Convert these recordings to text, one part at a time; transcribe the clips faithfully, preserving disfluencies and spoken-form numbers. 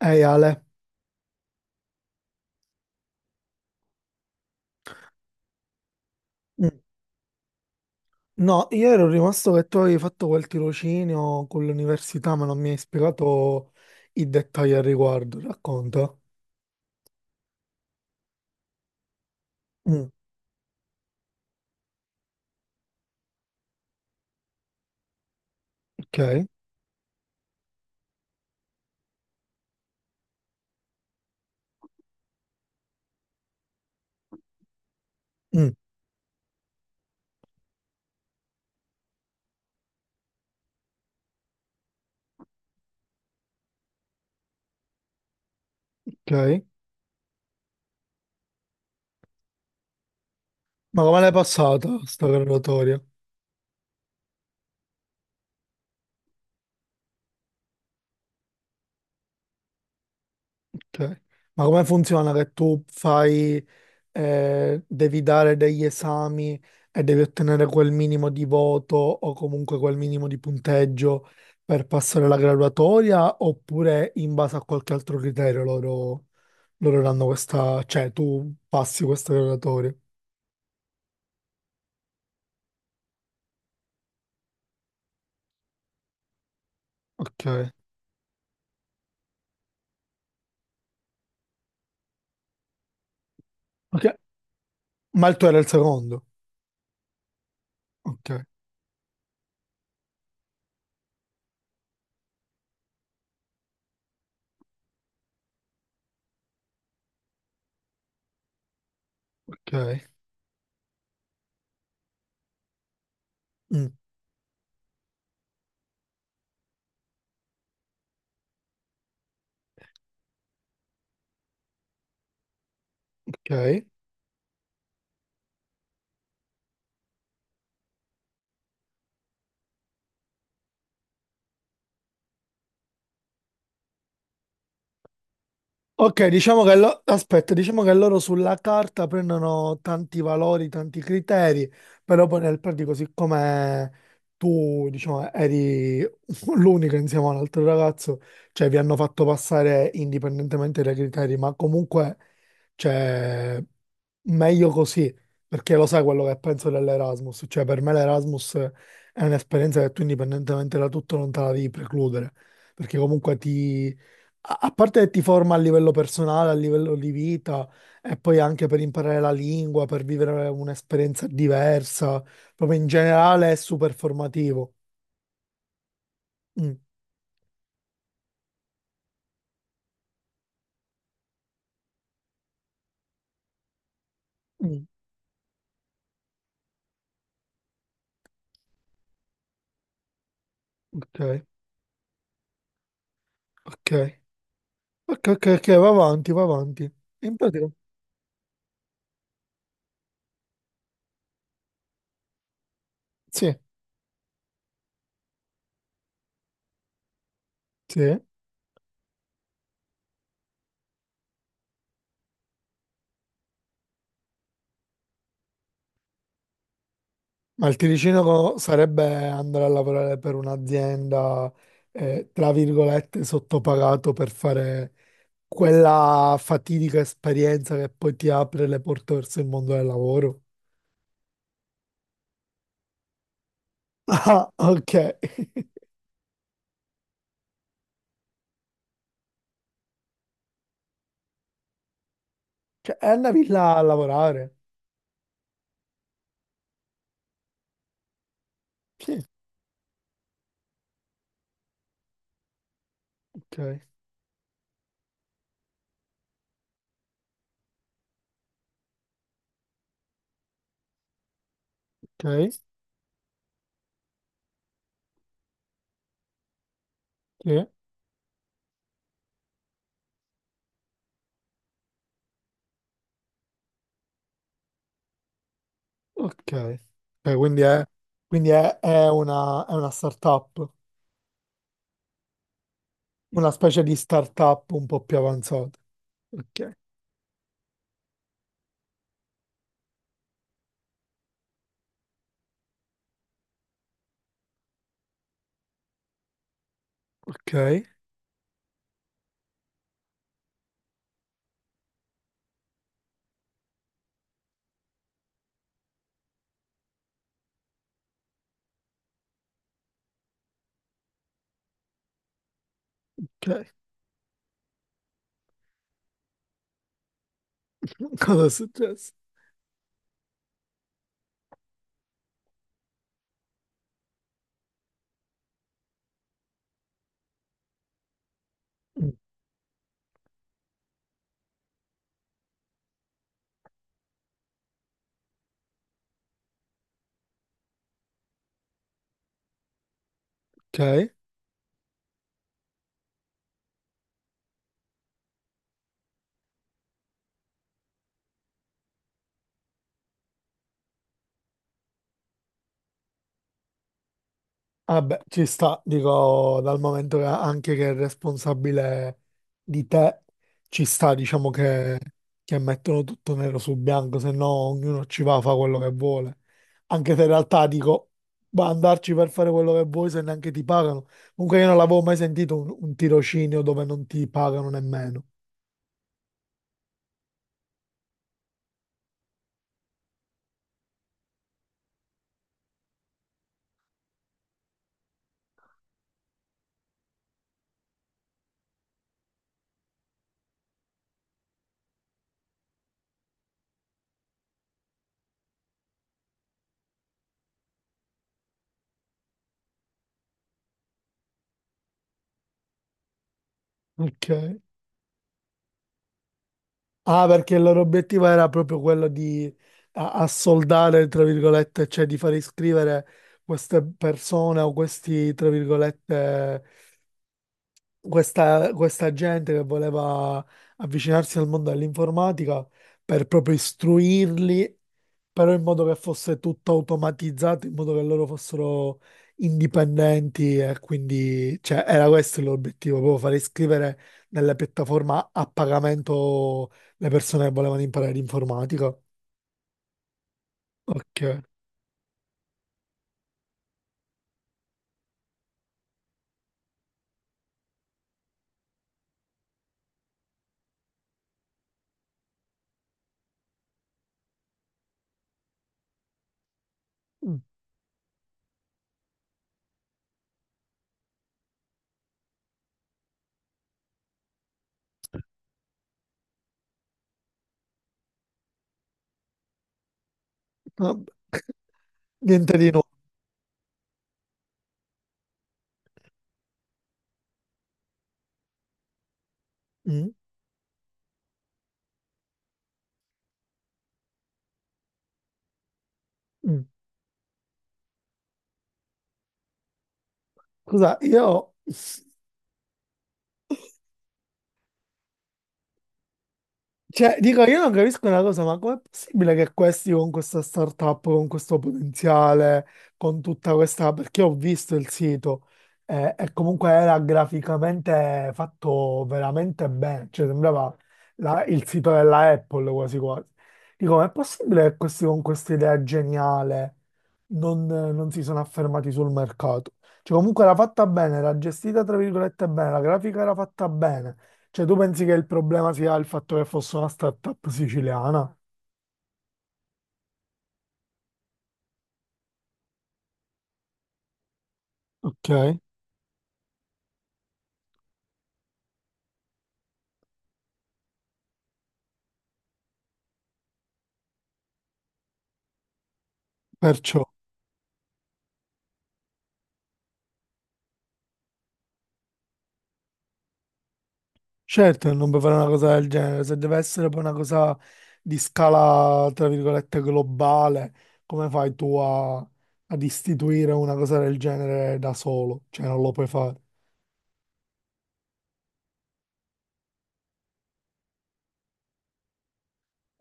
Ehi Ale. Mm. No, io ero rimasto che tu avevi fatto quel tirocinio con l'università, ma non mi hai spiegato i dettagli al riguardo. Racconta. Mm, ok. Mm, ok. Ma come l'hai passata sta graduatoria? Ok. Ma come funziona che tu fai eh, devi dare degli esami e devi ottenere quel minimo di voto o comunque quel minimo di punteggio per passare la graduatoria, oppure in base a qualche altro criterio loro, loro danno questa, cioè tu passi questa graduatoria. Ok. Ok. Ma il tuo era il secondo. Ok, ok. Mm, ok. Ok, diciamo che, lo- aspetta, diciamo che loro sulla carta prendono tanti valori, tanti criteri, però poi nel pratico, siccome tu, diciamo, eri l'unico insieme all'altro ragazzo, cioè vi hanno fatto passare indipendentemente dai criteri, ma comunque, cioè, meglio così, perché lo sai quello che penso dell'Erasmus, cioè per me l'Erasmus è un'esperienza che tu indipendentemente da tutto non te la devi precludere, perché comunque ti a a parte che ti forma a livello personale, a livello di vita e poi anche per imparare la lingua, per vivere un'esperienza diversa, proprio in generale è super formativo. Mm, mm, ok, ok, ok, ok, ok, va avanti, va avanti. In pratica, sì, sì. Ma il tirocinio co- sarebbe andare a lavorare per un'azienda, eh, tra virgolette, sottopagato per fare quella fatidica esperienza che poi ti apre le porte verso il mondo del lavoro. Ah, ok. Cioè, è una villa a lavorare. Sì, ok, ok, sì, ok. Ok, quindi è, quindi è, è una, è una startup, una specie di startup un po' più avanzata. Ok, ok, ok. Cosa è successo? Ok. Vabbè, ci sta, dico, dal momento che anche che è responsabile di te, ci sta, diciamo che, che mettono tutto nero su bianco, se no ognuno ci va, fa quello che vuole. Anche se in realtà dico, ma andarci per fare quello che vuoi se neanche ti pagano. Comunque io non l'avevo mai sentito un, un tirocinio dove non ti pagano nemmeno. Ok. Ah, perché il loro obiettivo era proprio quello di a- assoldare, tra virgolette, cioè di far iscrivere queste persone o questi, tra virgolette, questa, questa gente che voleva avvicinarsi al mondo dell'informatica per proprio istruirli però in modo che fosse tutto automatizzato, in modo che loro fossero indipendenti e quindi, cioè, era questo l'obiettivo, proprio fare iscrivere nella piattaforma a pagamento le persone che volevano imparare l'informatica. Ok. Mm. Vabbè, niente di nuovo. Mm, mm. Scusa, io. Cioè, dico, io non capisco una cosa, ma com'è possibile che questi con questa startup, con questo potenziale, con tutta questa... Perché ho visto il sito eh, e comunque era graficamente fatto veramente bene, cioè sembrava la- il sito della Apple quasi quasi. Dico, ma è possibile che questi con questa idea geniale non, non si sono affermati sul mercato? Cioè, comunque era fatta bene, era gestita tra virgolette bene, la grafica era fatta bene. Cioè, tu pensi che il problema sia il fatto che fosse una startup siciliana? Ok, perciò certo che non puoi fare una cosa del genere, se deve essere poi una cosa di scala, tra virgolette, globale, come fai tu a- ad istituire una cosa del genere da solo? Cioè, non lo puoi fare.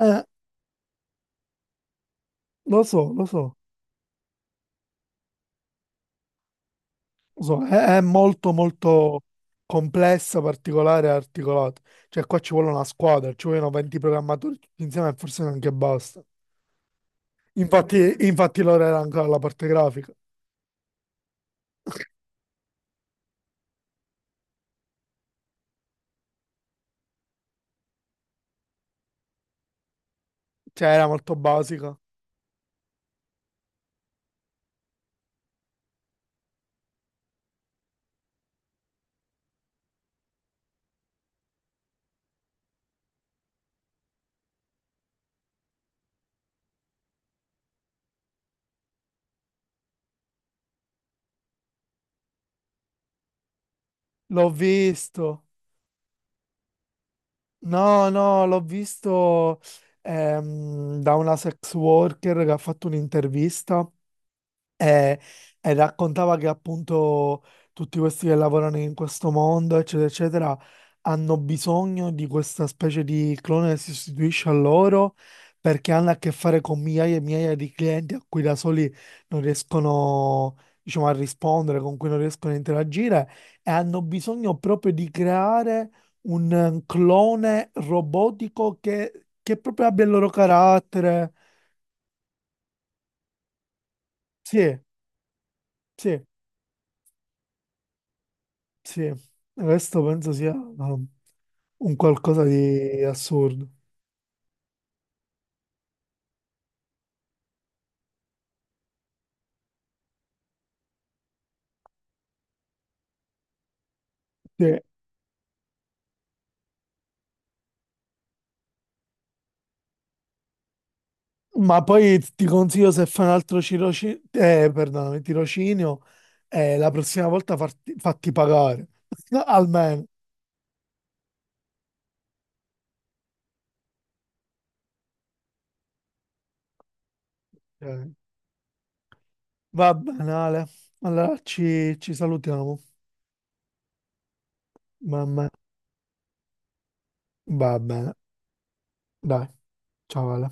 Eh, lo so, lo so, lo so, è, è molto molto complessa, particolare e articolata. Cioè, qua ci vuole una squadra, ci vogliono venti programmatori tutti insieme e forse neanche basta. Infatti, infatti l'ora era ancora la parte grafica, cioè era molto basica. L'ho visto, no, no, l'ho visto ehm, da una sex worker che ha fatto un'intervista. E, e raccontava che appunto tutti questi che lavorano in questo mondo, eccetera, eccetera, hanno bisogno di questa specie di clone che si sostituisce a loro perché hanno a che fare con migliaia e migliaia di clienti a cui da soli non riescono, diciamo, a rispondere, con cui non riescono a interagire e hanno bisogno proprio di creare un eh, clone robotico che, che proprio abbia il loro carattere. Sì, sì. Sì, il resto penso sia um, un qualcosa di assurdo. Sì. Ma poi ti consiglio se fai un altro tirocinio, eh, perdonami, tirocinio, eh, la prossima volta farti- fatti pagare, almeno. Ok. Va bene, Ale. Allora ci, ci salutiamo. Va bene, va bene. Dai, ciao Ale.